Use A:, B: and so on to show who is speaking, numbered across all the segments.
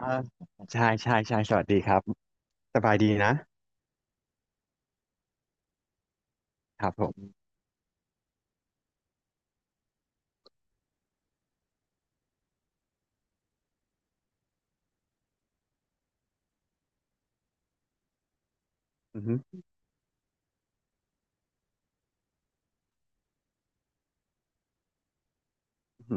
A: อ่าใช่ใช่ใช่สวัสดีครับสบายดีนะครับผมอือฮึอือฮึ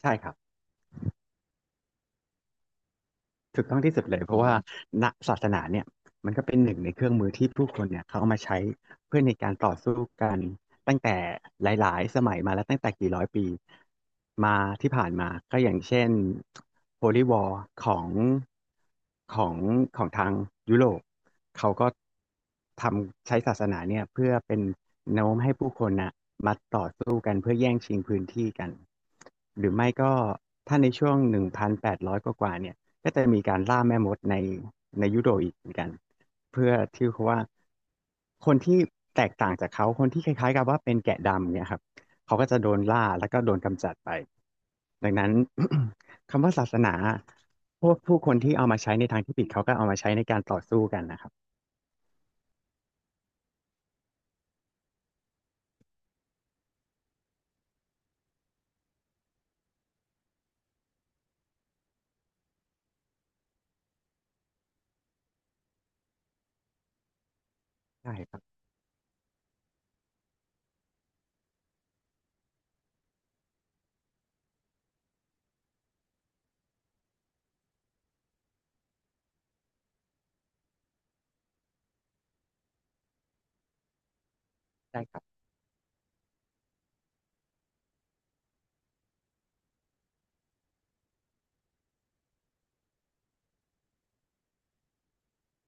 A: ใช่ครับ ถูกต้องที่สุดเลยเพราะว่าณศาสนาเนี่ยมันก็เป็นหนึ่งในเครื่องมือที่ผู้คนเนี่ยเขาเอามาใช้เพื่อในการต่อสู้กันตั้งแต่หลายๆสมัยมาแล้วตั้งแต่กี่ร้อยปีมาที่ผ่านมาก็อย่างเช่น Holy War ของของของทางยุโรปเขาก็ทำใช้ศาสนาเนี่ยเพื่อเป็นแนวโน้มให้ผู้คนน่ะมาต่อสู้กันเพื่อแย่งชิงพื้นที่กันหรือไม่ก็ถ้าในช่วง1,800กว่าๆเนี่ย ก็จะมีการล่าแม่มดในยุโรปอีกเหมือนกันเพื่อที่เขาว่าคนที่แตกต่างจากเขาคนที่คล้ายๆกับว่าเป็นแกะดำเนี่ยครับเขาก็จะโดนล่าแล้วก็โดนกำจัดไปดังนั้น คำว่าศาสนาพวกผู้คนที่เอามาใช้ในทางที่ผิดเขาก็เอามาใช้ในการต่อสู้กันนะครับได้ครับได้ครับ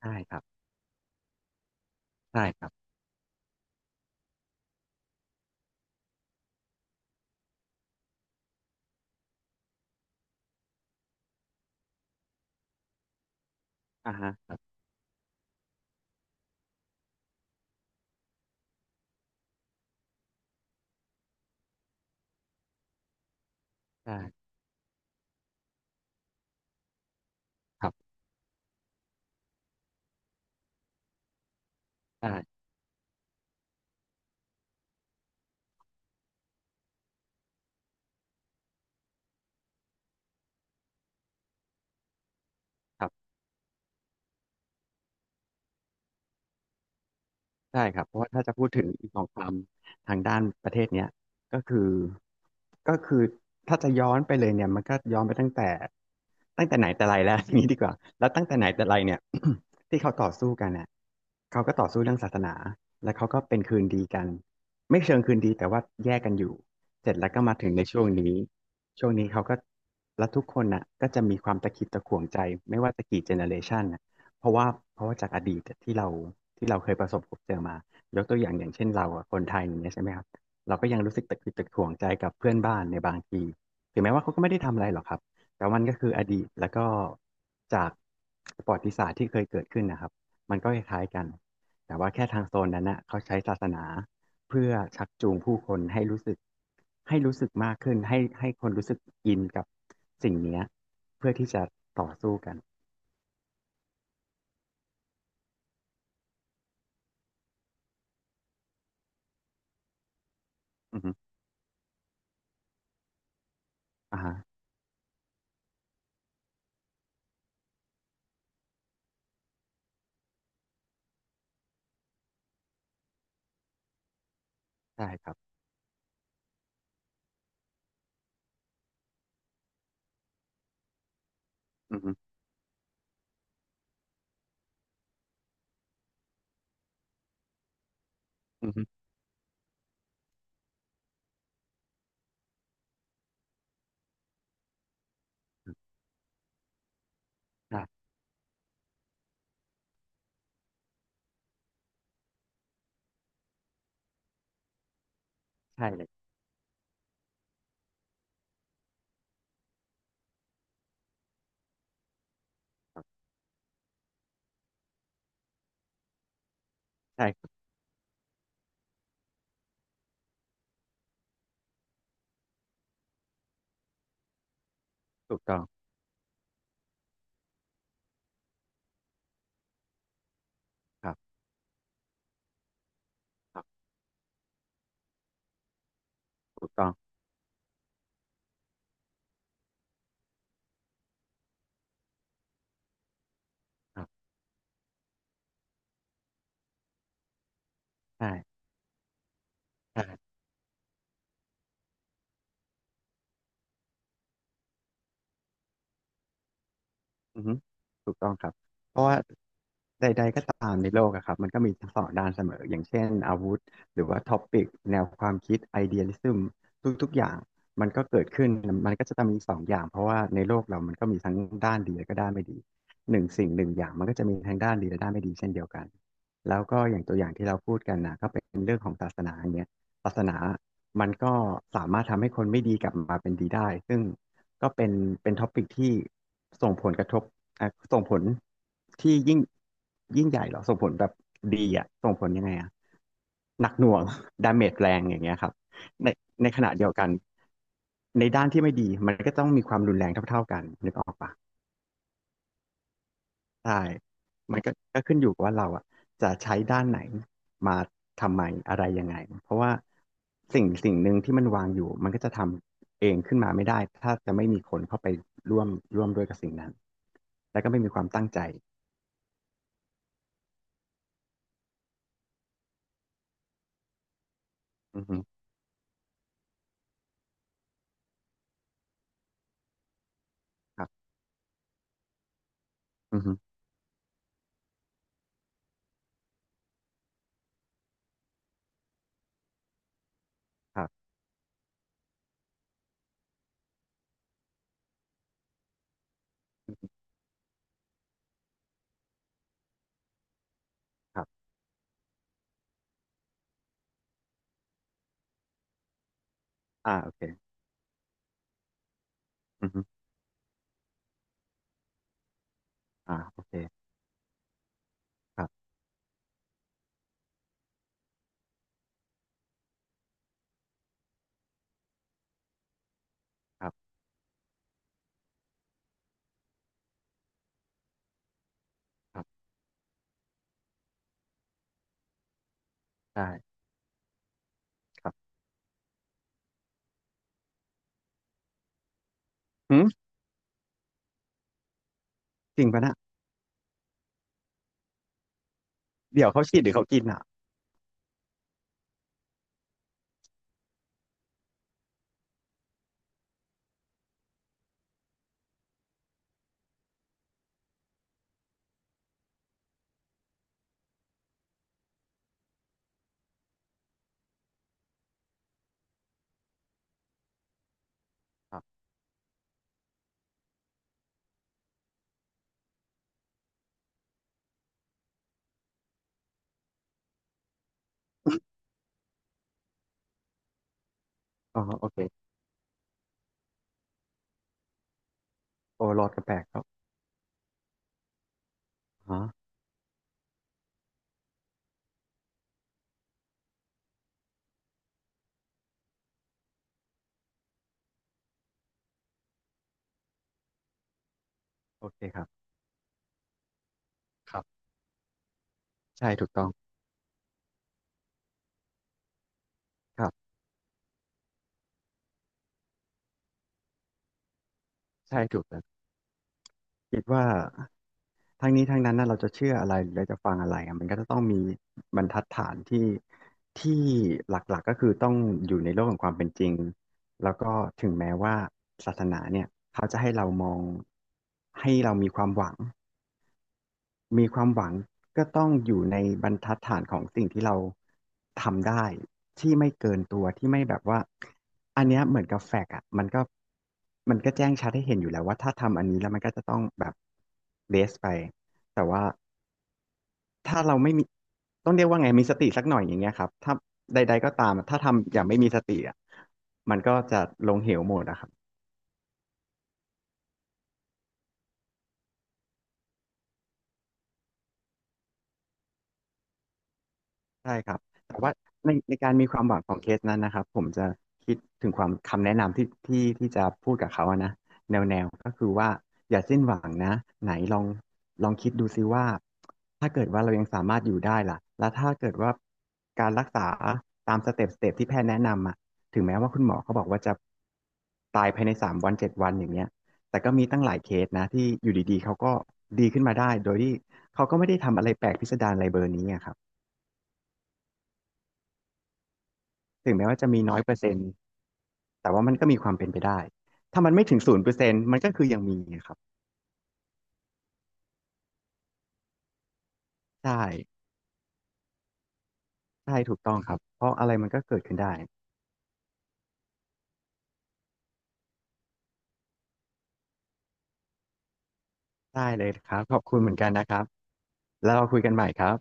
A: ได้ครับได้ครับอ่าฮะได้ครับได้ครับ ใช่ครับเพราะว่าถ้าจะพูดถึงอีกสองคำทางด้านประเทศเนี้ยก็คือก็คือถ้าจะย้อนไปเลยเนี่ยมันก็ย้อนไปตั้งแต่ไหนแต่ไรแล้ว อย่างนี้ดีกว่าแล้วตั้งแต่ไหนแต่ไรเนี่ย ที่เขาต่อสู้กันเนี่ยเขาก็ต่อสู้เรื่องศาสนาแล้วเขาก็เป็นคืนดีกันไม่เชิงคืนดีแต่ว่าแยกกันอยู่เสร็จแล้วก็มาถึงในช่วงนี้ช่วงนี้เขาก็แล้วทุกคนน่ะก็จะมีความตะขิดตะขวงใจไม่ว่าจะกี่เจเนอเรชัน เพราะว่าเพราะว่าจากอดีตที่เราเคยประสบพบเจอมายกตัวอย่างอย่างเช่นเราอะคนไทยอย่างเงี้ยใช่ไหมครับเราก็ยังรู้สึกตะขิดตะขวงใจกับเพื่อนบ้านในบางทีถึงแม้ว่าเขาก็ไม่ได้ทำอะไรหรอกครับแต่มันก็คืออดีตแล้วก็จากประวัติศาสตร์ที่เคยเกิดขึ้นนะครับมันก็คล้ายๆกันแต่ว่าแค่ทางโซนนั้นนะเขาใช้ศาสนาเพื่อชักจูงผู้คนให้รู้สึกมากขึ้นให้คนรู้สึกอินกับสิ่งเนี้ยเพื่อที่จะต่อสู้กันอือฮึอ่าฮะใช่ครับ อืมฮึอืมใช่ใช่เลยครับใช่ครับถูกต้องครับครับถูกต้องครับใช่ใช่อืมฮึถูกต้องครับเพราะว่า ใดๆก็ตามในโลกอะครับมันก็มีทั้งสองด้านเสมออย่างเช่นอาวุธหรือว่าท็อปิกแนวความคิดไอเดียลิซึมทุกๆอย่างมันก็เกิดขึ้นมันก็จะต้องมีสองอย่างเพราะว่าในโลกเรามันก็มีทั้งด้านดีและก็ด้านไม่ดีหนึ่งสิ่งหนึ่งอย่างมันก็จะมีทั้งด้านดีและด้านไม่ดีเช่นเดียวกันแล้วก็อย่างตัวอย่างที่เราพูดกันนะก็เป็นเรื่องของศาสนาอย่างเงี้ยศาสนามันก็สามารถทำให้คนไม่ดีกลับมาเป็นดีได้ซึ่ง ก็เป็นท็อปิกที่ส่งผลกระทบอ่ะส่งผลที่ยิ่งใหญ่เหรอส่งผลแบบดีอ่ะส่งผลยังไงอ่ะหนักหน่วง ดาเมจแรงอย่างเงี้ยครับในในขณะเดียวกันในด้านที่ไม่ดีมันก็ต้องมีความรุนแรงเท่าๆกันนึกออกปะ ใช่มันก็ขึ้นอยู่กับว่าเราอ่ะจะใช้ด้านไหนมาทำไมอะไรยังไงเพราะว่าสิ่งหนึ่งที่มันวางอยู่มันก็จะทำเองขึ้นมาไม่ได้ถ้าจะไม่มีคนเข้าไปร่วมร่วมด้วยกับสิ่งนั้นแล้วก็ไม่มีความตั้งใจอือฮึครับอือฮึครับครับอ่าโอเคอือฮึอ่าโอเคครับครับครับได้ครับหืมจริงปะนะเดี๋ยวเขาฉีดหรือเขากินอ่ะครับอ๋อโอเคโอ้ลอดกระแปลกครับอ๋อโอเคครับครับใช่ถูกต้องครับ ใช่ถูกแต่คิดว่าทั้งนี้ทั้งนั้นนะเราจะเชื่ออะไรหรือเราจะฟังอะไรอะมันก็จะต้องมีบรรทัดฐานที่ที่หลักๆก็คือต้องอยู่ในโลกของความเป็นจริงแล้วก็ถึงแม้ว่าศาสนาเนี่ยเขาจะให้เรามองให้เรามีความหวัง มีความหวังก็ต้องอยู่ในบรรทัดฐานของสิ่งที่เราทำได้ที่ไม่เกินตัวที่ไม่แบบว่าอันเนี้ยเหมือนกับแฟกอะมันก็แจ้งชัดให้เห็นอยู่แล้วว่าถ้าทำอันนี้แล้วมันก็จะต้องแบบเบสไปแต่ว่าถ้าเราไม่มีต้องเรียกว่าไงมีสติสักหน่อยอย่างเงี้ยครับถ้าใดๆก็ตามอะถ้าทำอย่างไม่มีสติอะมันก็จะลงเหวหมดอะครับ ใช่ครับ แต่ว่าในการมีความหวังของเคสนั้นนะครับผมจะคิดถึงความคำแนะนำที่จะพูดกับเขาอะนะแนวก็คือว่าอย่าสิ้นหวังนะไหนลองคิดดูซิว่าถ้าเกิดว่าเรายังสามารถอยู่ได้ล่ะแล้วถ้าเกิดว่าการรักษาตามสเต็ปที่แพทย์แนะนำอ่ะถึงแม้ว่าคุณหมอเขาบอกว่าจะตายภายใน3 วัน7 วันอย่างเงี้ยแต่ก็มีตั้งหลายเคสนะที่อยู่ดีๆเขาก็ดีขึ้นมาได้โดยที่เขาก็ไม่ได้ทำอะไรแปลกพิสดารอะไรเบอร์นี้อะครับ ถึงแม้ว่าจะมีน้อยเปอร์เซ็นต์แต่ว่ามันก็มีความเป็นไปได้ถ้ามันไม่ถึงศูนย์เปอร์เซ็นต์มันก็คือยังมีครับใช่ใช่ถูกต้องครับเพราะอะไรมันก็เกิดขึ้นได้ได้เลยครับขอบคุณเหมือนกันนะครับแล้วเราคุยกันใหม่ครับ